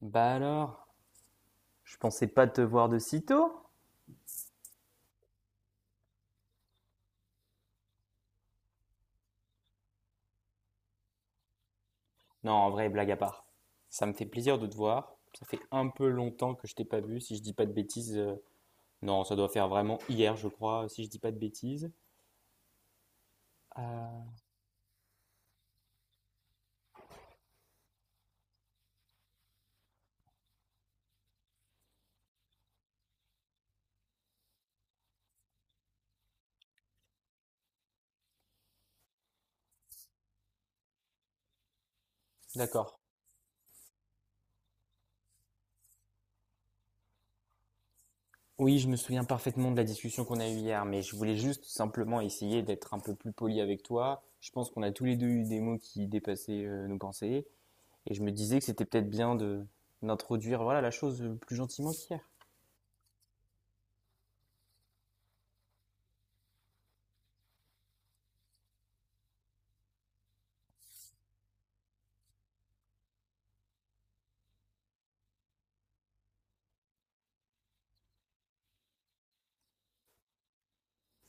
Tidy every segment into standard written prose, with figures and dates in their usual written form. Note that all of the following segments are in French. Bah alors, je pensais pas te voir de si tôt. Non, en vrai, blague à part. Ça me fait plaisir de te voir. Ça fait un peu longtemps que je t'ai pas vu, si je dis pas de bêtises. Non, ça doit faire vraiment hier, je crois, si je dis pas de bêtises. Euh, d'accord. Oui, je me souviens parfaitement de la discussion qu'on a eue hier, mais je voulais juste simplement essayer d'être un peu plus poli avec toi. Je pense qu'on a tous les deux eu des mots qui dépassaient nos pensées, et je me disais que c'était peut-être bien de d'introduire voilà la chose plus gentiment qu'hier.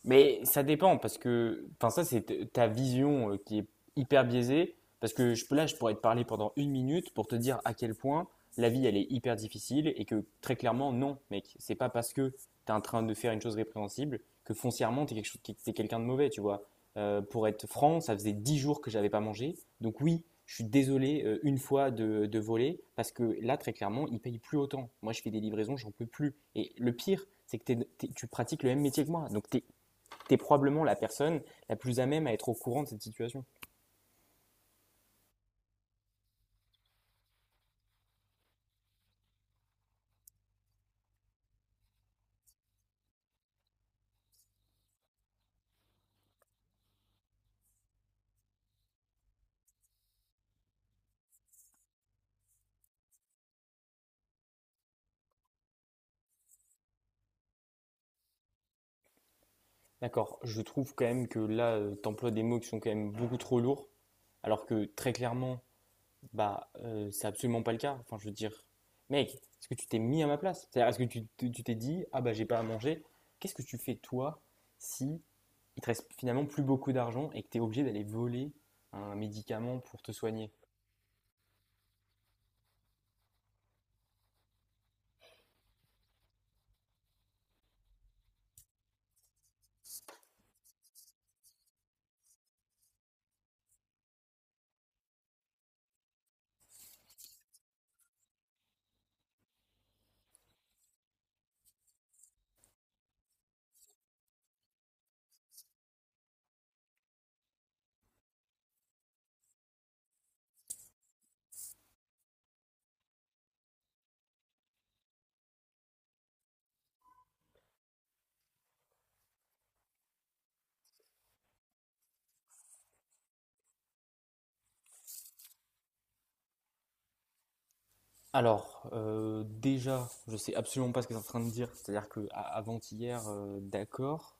Mais ça dépend parce que, enfin ça c'est ta vision qui est hyper biaisée parce que là je pourrais te parler pendant une minute pour te dire à quel point la vie elle est hyper difficile et que très clairement non mec, c'est pas parce que t'es en train de faire une chose répréhensible que foncièrement t'es quelque chose, t'es t'es quelqu'un de mauvais tu vois. Pour être franc, ça faisait 10 jours que j'avais pas mangé, donc oui. Je suis désolé une fois de voler parce que là, très clairement, ils payent plus autant. Moi, je fais des livraisons, j'en peux plus. Et le pire, c'est que tu pratiques le même métier que moi. Donc, t'es tu es probablement la personne la plus à même à être au courant de cette situation. D'accord, je trouve quand même que là, tu emploies des mots qui sont quand même beaucoup trop lourds, alors que très clairement, bah, c'est absolument pas le cas. Enfin, je veux dire, mec, est-ce que tu t'es mis à ma place? C'est-à-dire, est-ce que tu t'es dit, ah bah j'ai pas à manger, qu'est-ce que tu fais toi si il te reste finalement plus beaucoup d'argent et que tu es obligé d'aller voler un médicament pour te soigner? Alors, déjà, je sais absolument pas ce que tu es en train de dire. C'est-à-dire que avant-hier, d'accord,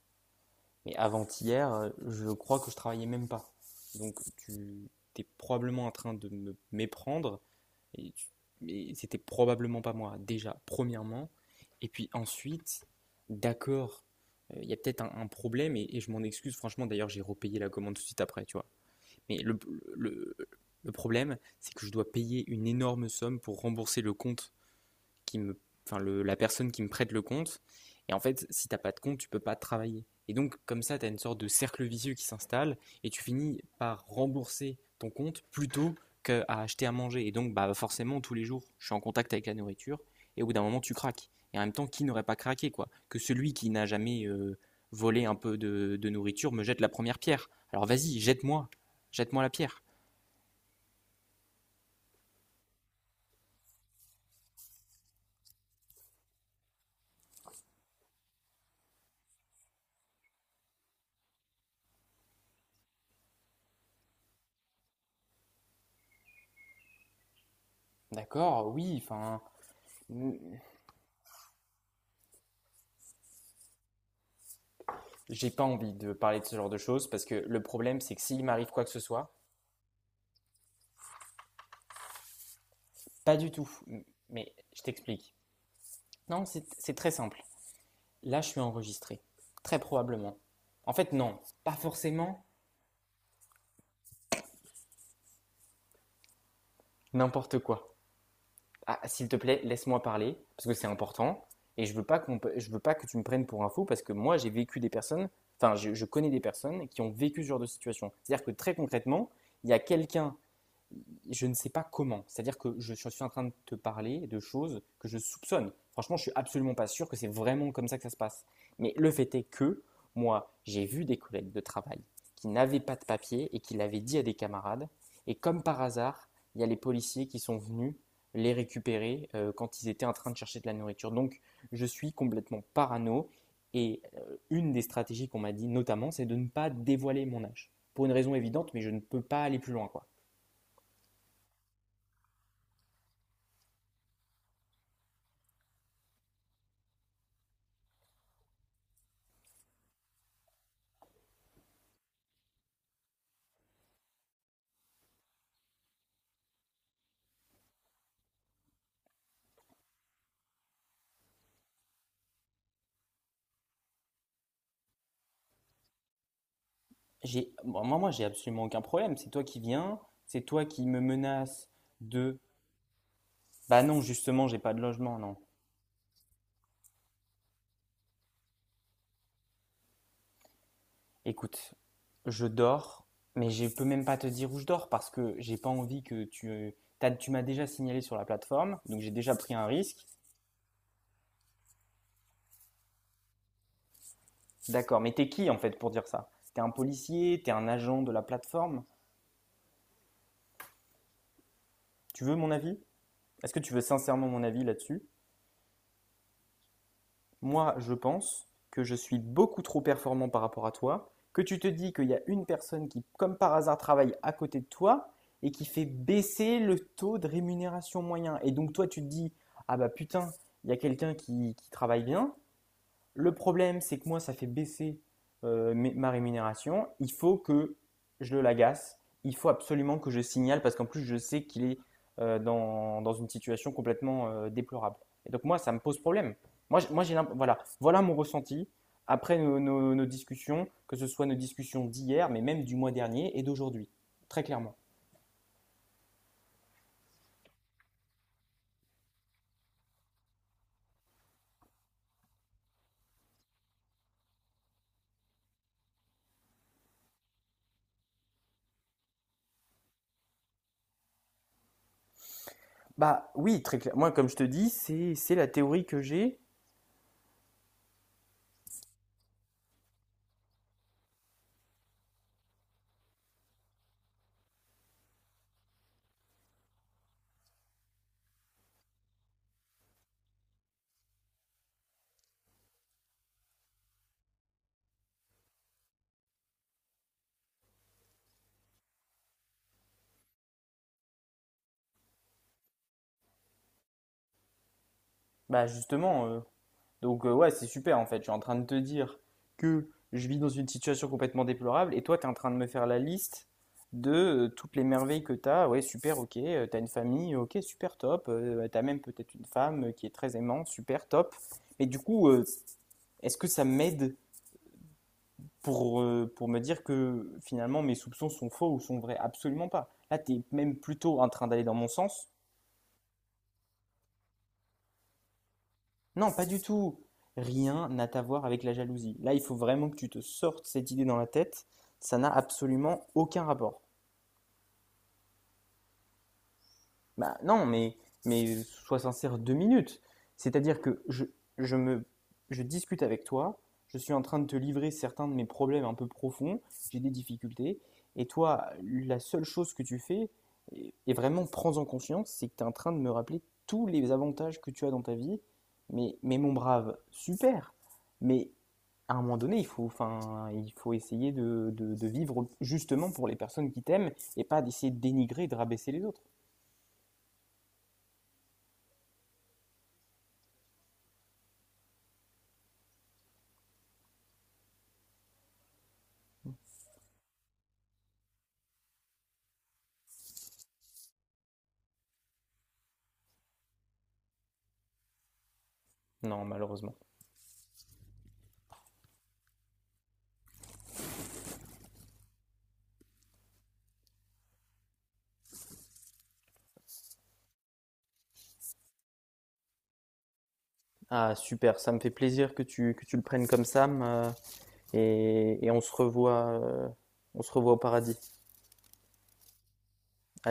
mais avant-hier, je crois que je travaillais même pas. Donc tu es probablement en train de me méprendre et, c'était probablement pas moi déjà premièrement et puis ensuite d'accord, il y a peut-être un problème et je m'en excuse franchement, d'ailleurs j'ai repayé la commande tout de suite après tu vois, mais le, le problème c'est que je dois payer une énorme somme pour rembourser le compte qui me, enfin la personne qui me prête le compte. Et en fait, si t'as pas de compte, tu peux pas travailler. Et donc, comme ça, t'as une sorte de cercle vicieux qui s'installe et tu finis par rembourser ton compte plutôt qu'à acheter à manger. Et donc, bah, forcément, tous les jours, je suis en contact avec la nourriture et au bout d'un moment, tu craques. Et en même temps, qui n'aurait pas craqué, quoi? Que celui qui n'a jamais volé un peu de nourriture me jette la première pierre. Alors vas-y, jette-moi, jette-moi la pierre. D'accord, oui, enfin, j'ai pas envie de parler de ce genre de choses parce que le problème, c'est que s'il m'arrive quoi que ce soit, pas du tout. Mais je t'explique. Non, c'est très simple. Là, je suis enregistré. Très probablement. En fait, non, pas forcément. N'importe quoi. Ah, s'il te plaît, laisse-moi parler parce que c'est important. Et je veux pas que tu me prennes pour un fou parce que moi, j'ai vécu des personnes. Enfin, je connais des personnes qui ont vécu ce genre de situation. C'est-à-dire que très concrètement, il y a quelqu'un, je ne sais pas comment. C'est-à-dire que je suis en train de te parler de choses que je soupçonne. Franchement, je suis absolument pas sûr que c'est vraiment comme ça que ça se passe. Mais le fait est que moi, j'ai vu des collègues de travail qui n'avaient pas de papier et qui l'avaient dit à des camarades. Et comme par hasard, il y a les policiers qui sont venus les récupérer quand ils étaient en train de chercher de la nourriture. Donc, je suis complètement parano. Et une des stratégies qu'on m'a dit notamment, c'est de ne pas dévoiler mon âge. Pour une raison évidente, mais je ne peux pas aller plus loin. Quoi. Bon, moi, moi, j'ai absolument aucun problème. C'est toi qui viens, c'est toi qui me menace de. Bah non, justement, j'ai pas de logement, non. Écoute, je dors, mais je peux même pas te dire où je dors parce que j'ai pas envie que tu. Tu m'as déjà signalé sur la plateforme, donc j'ai déjà pris un risque. D'accord, mais t'es qui en fait pour dire ça? T'es un policier, t'es un agent de la plateforme. Tu veux mon avis? Est-ce que tu veux sincèrement mon avis là-dessus? Moi, je pense que je suis beaucoup trop performant par rapport à toi, que tu te dis qu'il y a une personne qui, comme par hasard, travaille à côté de toi et qui fait baisser le taux de rémunération moyen. Et donc toi, tu te dis, ah bah putain, il y a quelqu'un qui travaille bien, le problème, c'est que moi, ça fait baisser ma rémunération. Il faut que je le l'agace. Il faut absolument que je signale parce qu'en plus, je sais qu'il est dans une situation complètement déplorable. Et donc, moi, ça me pose problème. Moi, j'- moi j'ai l'imp- voilà mon ressenti après nos discussions, que ce soit nos discussions d'hier, mais même du mois dernier et d'aujourd'hui, très clairement. Bah oui, très clair. Moi, comme je te dis, c'est la théorie que j'ai. Bah justement, donc ouais, c'est super en fait. Je suis en train de te dire que je vis dans une situation complètement déplorable et toi, tu es en train de me faire la liste de toutes les merveilles que tu as. Ouais, super, ok. T'as une famille, ok, super, top. Bah, t'as même peut-être une femme qui est très aimante, super, top. Mais du coup, est-ce que ça m'aide pour me dire que finalement mes soupçons sont faux ou sont vrais? Absolument pas. Là, tu es même plutôt en train d'aller dans mon sens. Non, pas du tout. Rien n'a à voir avec la jalousie. Là, il faut vraiment que tu te sortes cette idée dans la tête. Ça n'a absolument aucun rapport. Bah non, mais sois sincère 2 minutes. C'est-à-dire que je me, je discute avec toi, je suis en train de te livrer certains de mes problèmes un peu profonds, j'ai des difficultés, et toi, la seule chose que tu fais, et vraiment prends-en conscience, c'est que tu es en train de me rappeler tous les avantages que tu as dans ta vie. Mais mon brave, super. Mais à un moment donné, enfin, il faut essayer de vivre justement pour les personnes qui t'aiment et pas d'essayer de dénigrer, de rabaisser les autres. Non, malheureusement. Ah, super, ça me fait plaisir que tu le prennes comme ça. Et on se revoit au paradis.